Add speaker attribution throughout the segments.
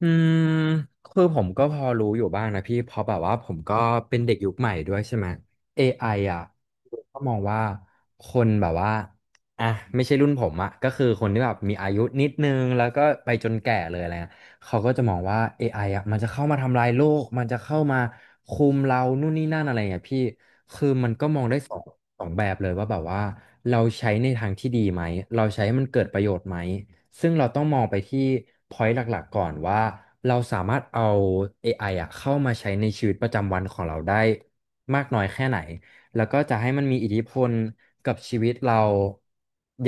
Speaker 1: อืมคือผมก็พอรู้อยู่บ้างนะพี่เพราะแบบว่าผมก็เป็นเด็กยุคใหม่ด้วยใช่ไหม AI อไออ่ะผมก็มองว่าคนแบบว่าอ่ะไม่ใช่รุ่นผมอ่ะก็คือคนที่แบบมีอายุนิดนึงแล้วก็ไปจนแก่เลยอะไรเงี้ยเขาก็จะมองว่า AI อไออ่ะมันจะเข้ามาทำลายโลกมันจะเข้ามาคุมเรานู่นนี่นั่นอะไรเงี้ยพี่คือมันก็มองได้สองแบบเลยว่าแบบว่าเราใช้ในทางที่ดีไหมเราใช้ให้มันเกิดประโยชน์ไหม ซึ่งเราต้องมองไปที่ point หลักๆก่อนว่าเราสามารถเอา AI อไออะเข้ามาใช้ในชีวิตประจำวันของเราได้มากน้อยแค่ไหนแล้วก็จะให้มันมีอิทธิพลกับชีวิตเรา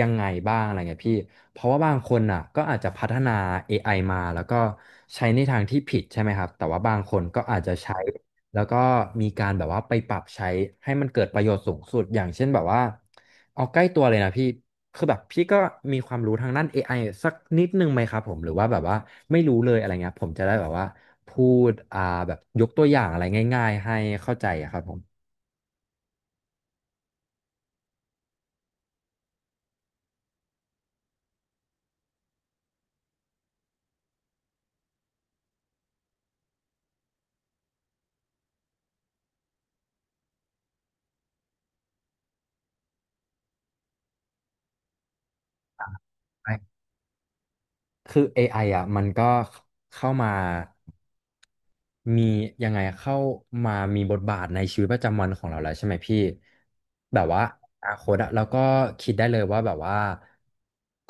Speaker 1: ยังไงบ้างอะไรเงี้ยพี่เพราะว่าบางคนอ่ะก็อาจจะพัฒนา AI มาแล้วก็ใช้ในทางที่ผิดใช่ไหมครับแต่ว่าบางคนก็อาจจะใช้ แล้วก็มีการแบบว่าไปปรับใช้ให้มันเกิดประโยชน์สูงสุดอย่างเช่นแบบว่าเอาใกล้ตัวเลยนะพี่คือแบบพี่ก็มีความรู้ทางด้าน AI สักนิดนึงไหมครับผมหรือว่าแบบว่าไม่รู้เลยอะไรเงี้ยผมจะได้แบบว่าพูดแบบยกตัวอย่างอะไรง่ายๆให้เข้าใจอะครับผม คือ AI อไออ่ะมันก็เข้ามามีเข้ามามีบทบาทในชีวิตประจำวันของเราแล้วใช่ไหมพี่แบบว่าอนาคตอะเราก็คิดได้เลยว่าแบบว่า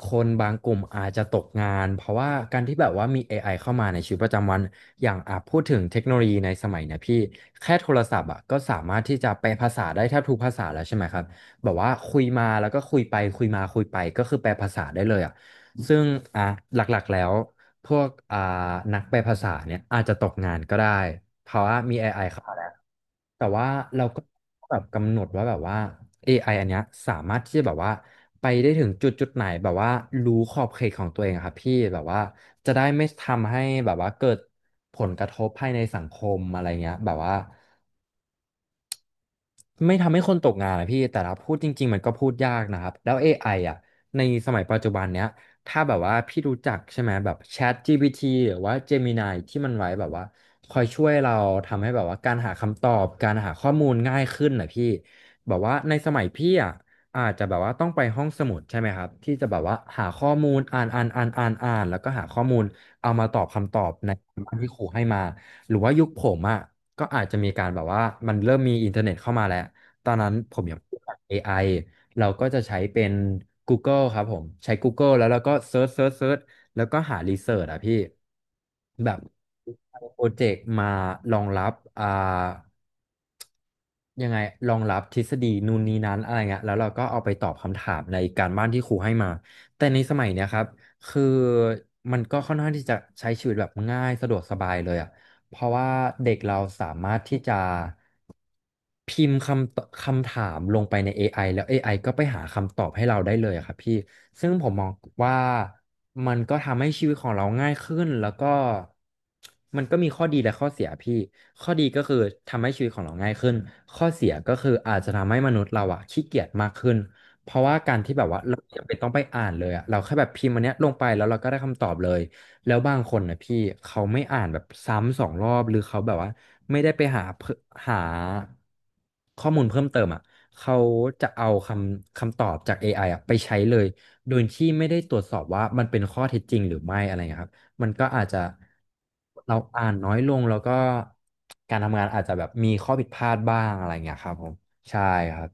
Speaker 1: คนบางกลุ่มอาจจะตกงานเพราะว่าการที่แบบว่ามี AI เข้ามาในชีวิตประจำวันอย่างอ่ะพูดถึงเทคโนโลยีในสมัยเนี่ยพี่แค่โทรศัพท์อ่ะก็สามารถที่จะแปลภาษาได้แทบทุกภาษาแล้วใช่ไหมครับแบบว่าคุยมาแล้วก็คุยไปคุยมาคุยไปก็คือแปลภาษาได้เลยอ่ะ ซึ่งอ่ะหลักๆแล้วพวกนักแปลภาษาเนี่ยอาจจะตกงานก็ได้เพราะว่ามี AI เข้ามาแล้วแต่ว่าเราก็แบบกำหนดว่าแบบว่า AI อไออันเนี้ยสามารถที่จะแบบว่าไปได้ถึงจุดไหนแบบว่ารู้ขอบเขตของตัวเองอะครับพี่แบบว่าจะได้ไม่ทำให้แบบว่าเกิดผลกระทบภายในสังคมอะไรเงี้ยแบบว่า ไม่ทำให้คนตกงานนะพี่ แต่ถ้าพูดจริงๆมันก็พูดยากนะครับ แล้ว AI อไออ่ะในสมัยปัจจุบันเนี้ยถ้าแบบว่าพี่รู้จักใช่ไหมแบบ Chat GPT หรือว่า Gemini ที่มันไว้แบบว่าคอยช่วยเราทำให้แบบว่าการหาคำตอบ การหาข้อมูลง่ายขึ้นนะพี่แบบว่าในสมัยพี่อ่ะอาจจะแบบว่าต้องไปห้องสมุดใช่ไหมครับที่จะแบบว่าหาข้อมูลอ่านอ่านอ่านอ่านอ่านแล้วก็หาข้อมูลเอามาตอบคำตอบในคำถามที่ครูให้มาหรือว่ายุคผมอ่ะ ก็อาจจะมีการแบบว่ามันเริ่มมีอินเทอร์เน็ตเข้ามาแล้ว ตอนนั้นผมยังพูดกเอ AI เราก็จะใช้เป็น Google ครับผม ใช้ Google แล้วเราก็เซิร์ชแล้วก็หารีเสิร์ชอะพี่ แบบโปรเจกต์มารองรับยังไงรองรับทฤษฎีนู่นนี่นั้นอะไรเงี้ยแล้วเราก็เอาไปตอบคำถามในการบ้านที่ครูให้มา แต่ในสมัยเนี้ยครับ คือมันก็ค่อนข้างที่จะใช้ชีวิตแบบง่ายสะดวกสบายเลยอ่ะ เพราะว่าเด็กเราสามารถที่จะพิมพ์คำถามลงไปใน AI แล้ว AI ก็ไปหาคำตอบให้เราได้เลยอะครับพี่ซึ่งผมมองว่ามันก็ทำให้ชีวิตของเราง่ายขึ้นแล้วก็มันก็มีข้อดีและข้อเสียพี่ข้อดีก็คือทำให้ชีวิตของเราง่ายขึ้นข้อเสียก็คืออาจจะทำให้มนุษย์เราอะขี้เกียจมากขึ้นเพราะว่าการที่แบบว่าเราจำเป็นต้องไปอ่านเลยอะเราแค่แบบพิมพ์อันเนี้ยลงไปแล้วเราก็ได้คำตอบเลย แล้วบางคนนะพี่เขาไม่อ่านแบบซ้ำสองรอบหรือเขาแบบว่าไม่ได้ไปหาเพิ่มหาข้อมูลเพิ่มเติมอ่ะเขาจะเอาคำตอบจาก AI อไออ่ะไปใช้เลยโดยที่ไม่ได้ตรวจสอบว่ามันเป็นข้อเท็จจริงหรือไม่อะไรเงี้ยครับมันก็อาจจะเราอ่านน้อยลงแล้วก็การทำงานอาจจะแบบมีข้อผิดพลาดบ้างอะไรเงี้ยครับผมใช่ครับ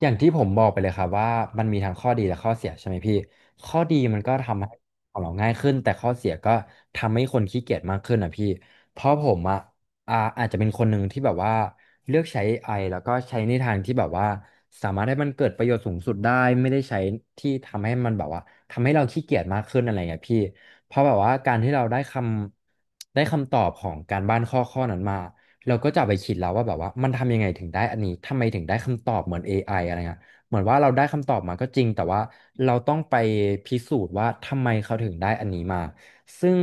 Speaker 1: อย่างที่ผมบอกไปเลยครับว่ามันมีทั้งข้อดีและข้อเสียใช่ไหมพี่ข้อดีมันก็ทำให้ของเราง่ายขึ้นแต่ข้อเสียก็ทำให้คนขี้เกียจมากขึ้นอ่ะพี่เพราะผมอ่ะอาจจะเป็นคนหนึ่งที่แบบว่าเลือกใช้เอไอแล้วก็ใช้ในทางที่แบบว่าสามารถให้มันเกิดประโยชน์สูงสุดได้ไม่ได้ใช้ที่ทำให้มันแบบว่าทำให้เราขี้เกียจมากขึ้นอะไรเงี้ยพี่เพราะแบบว่าการที่เราได้คำตอบของการบ้านข้อนั้นมา เราก็จะเอาไปคิดแล้วว่าแบบว่ามันทำยังไงถึงได้อันนี้ ทำไมถึงได้คำตอบเหมือน AI อไออะไรเงี้ยเหมือนว่าเราได้คำตอบมาก็จริงแต่ว่าเราต้องไปพิสูจน์ว่าทำไมเขาถึงได้อันนี้มา ซึ่ง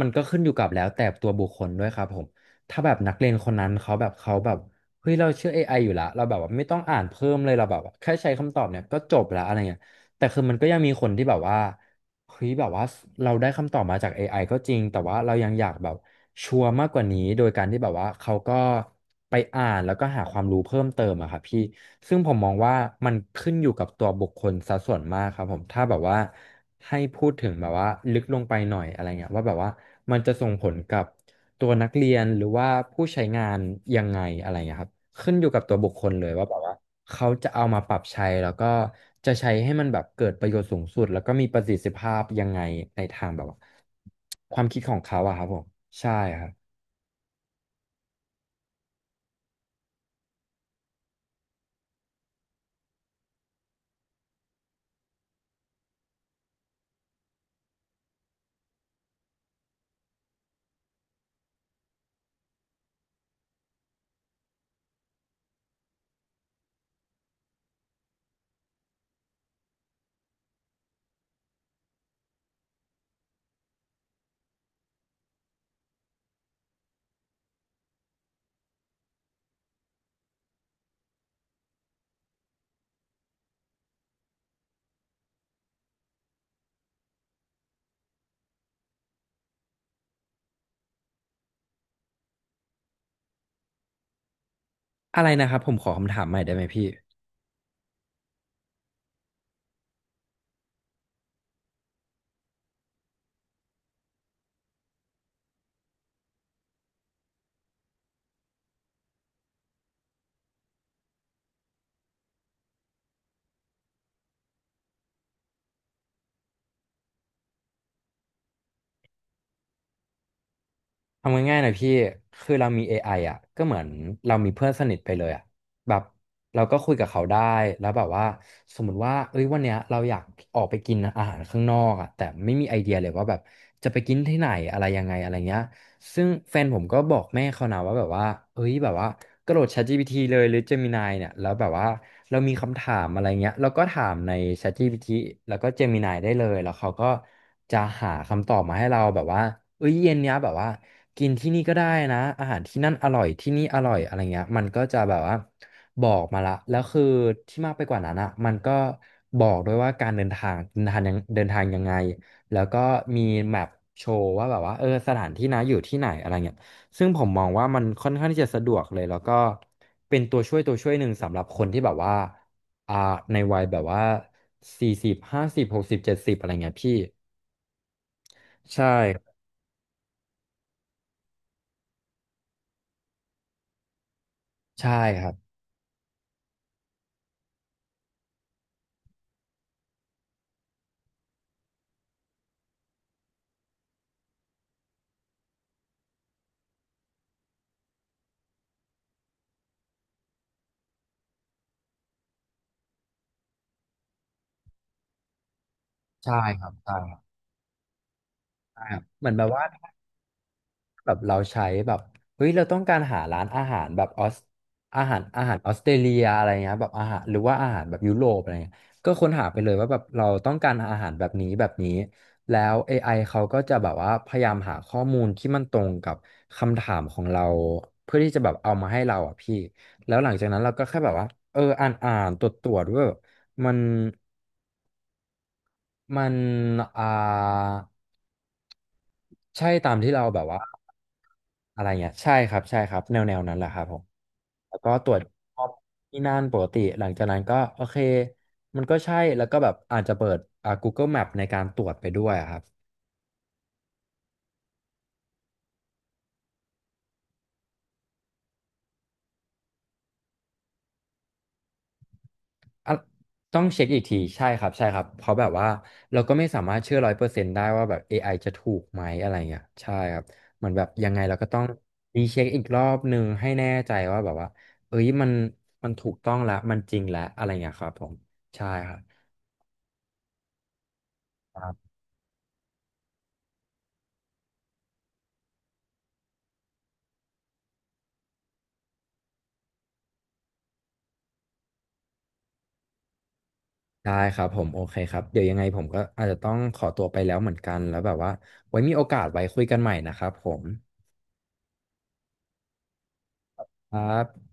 Speaker 1: มันก็ขึ้นอยู่กับแล้วแต่ตัวบุคคลด้วยครับผมถ้าแบบนักเรียนคนนั้นเขาแบบเฮ้ยเราเชื่อ AI อไออยู่ละเราแบบว่าไม่ต้องอ่านเพิ่มเลยเราแบบว่าแค่ใช้คำตอบเนี่ยก็จบละอะไรเงี้ย แต่คือมันก็ยังมีคนที่แบบว่าเฮ้ยแบบว่าเราได้คำตอบมาจาก AI ก็จริงแต่ว่าเรายังอยากแบบชัวร์มากกว่านี้โดยการที่แบบว่าเขาก็ไปอ่านแล้วก็หาความรู้เพิ่มเติมอะครับพี่ซึ่งผมมองว่ามันขึ้นอยู่กับตัวบุคคลซะส่วนมากครับผมถ้าแบบว่าให้พูดถึงแบบว่าลึกลงไปหน่อยอะไรเงี้ยว่าแบบว่ามันจะส่งผลกับ ตัวนักเรียนหรือว่าผู้ใช้งานยังไงอะไรเงี้ยครับขึ้นอยู่กับตัวบุคคลเลยว่าแบบว่าเขาจะเอามาปรับใช้แล้วก็จะใช้ให้มันแบบเกิดประโยชน์สูงสุดแล้วก็มีประสิทธิภาพยังไงในทางแบบว่าความคิดของเขาอะครับผมใช่ครับอะไรนะครับผมขอคำถามใหม่ได้ไหมพี่ ทำง่ายๆหน่อยพี่ คือเรามี AI อไออ่ะก็เหมือนเรามีเพื่อนสนิทไปเลยอ่ะแบบเราก็คุยกับเขาได้ แล้วแบบว่าสมมติว่าเอ้ยวันเนี้ยเราอยากออกไปกินอาหารข้างนอกอ่ะแต่ไม่มีไอเดียเลยว่าแบบจะไปกินที่ไหนอะไรยังไงอะไรเงี้ย ซึ่งแฟนผมก็บอกแม่เขานะว่าแบบว่าเอ้ยแบบว่ากระโดด ChatGPT เลยหรือ Gemini เนี่ยแล้วแบบว่าเรามีคำถามอะไรเงี้ยเราก็ถามใน ChatGPT แล้วก็ Gemini ได้เลยแล้วเขาก็จะหาคำตอบมาให้เราแบบว่าเอ้ยเย็นเนี้ยแบบว่ากินที่นี่ก็ได้นะ อาหารที่นั่นอร่อย ที่นี่อร่อยอะไรเงี้ยมันก็จะแบบว่าบอกมาละแล้วคือที่มากไปกว่านั้นอ่ะมันก็บอกด้วยว่าการเดินทางเดินทางยังเดินทางยังไง แล้วก็มีแมปโชว์ว่าแบบว่าเออสถานที่นะอยู่ที่ไหนอะไรเงี้ยซึ่งผมมองว่ามันค่อนข้างที่จะสะดวกเลย แล้วก็เป็นตัวช่วยหนึ่งสำหรับคนที่แบบว่าอ่าในวัยแบบว่า40 50 60 70อะไรเงี้ยพี่ใช่ใช่ครับ ใช่ครับใช่ครับใช่ครับเหมือนแบบว่า แบบเราใช้แบบเฮ้ยเราต้องการหาร้านอาหารแบบออสอาหารออสเตรเลียอะไรเงี้ยแบบอาหารหรือว่าอาหารแบบยุโรปอะไรเงี้ยก็ค้นหาไปเลยว่าแบบเราต้องการอาหารแบบนี้แบบนี้แล้ว AI เขาก็จะแบบว่าพยายามหาข้อมูลที่มันตรงกับคำถามของเราเพื่อที่จะแบบเอามาให้เราอ่ะพี่แล้วหลังจากนั้นเราก็แค่แบบว่าเอออ่านตรวจว่าแบบมันมันอ่า ใช่ตามที่เราแบบว่าอะไรเงี้ยใช่ครับใช่ครับแนวนั้นแหละครับผมแล้วก็ตรวจสอบที่นั่นปกติหลังจากนั้นก็โอเคมันก็ใช่แล้วก็แบบอาจจะเปิดGoogle Map ในการตรวจไปด้วยอะครับอ่ะต้องเช็คอีกทีใช่ครับใช่ครับเพราะแบบว่าเราก็ไม่สามารถเชื่อ100%ได้ว่าแบบ AI จะถูกไหมอะไรเงี้ยใช่ครับเหมือนแบบยังไงเราก็ต้องรีเช็คอีกรอบหนึ่งให้แน่ใจว่าแบบว่าเอ้ยมันถูกต้องแล้วมันจริงแล้วอะไรเงี้ยครับผมใช่ครับ ครับได้ครับผมโอเคครับเดี๋ยวยังไงผมก็อาจจะต้องขอตัวไปแล้วเหมือนกันแล้วแบบว่าไว้มีโอกาสไว้คุยกันใหม่นะครับผมครับ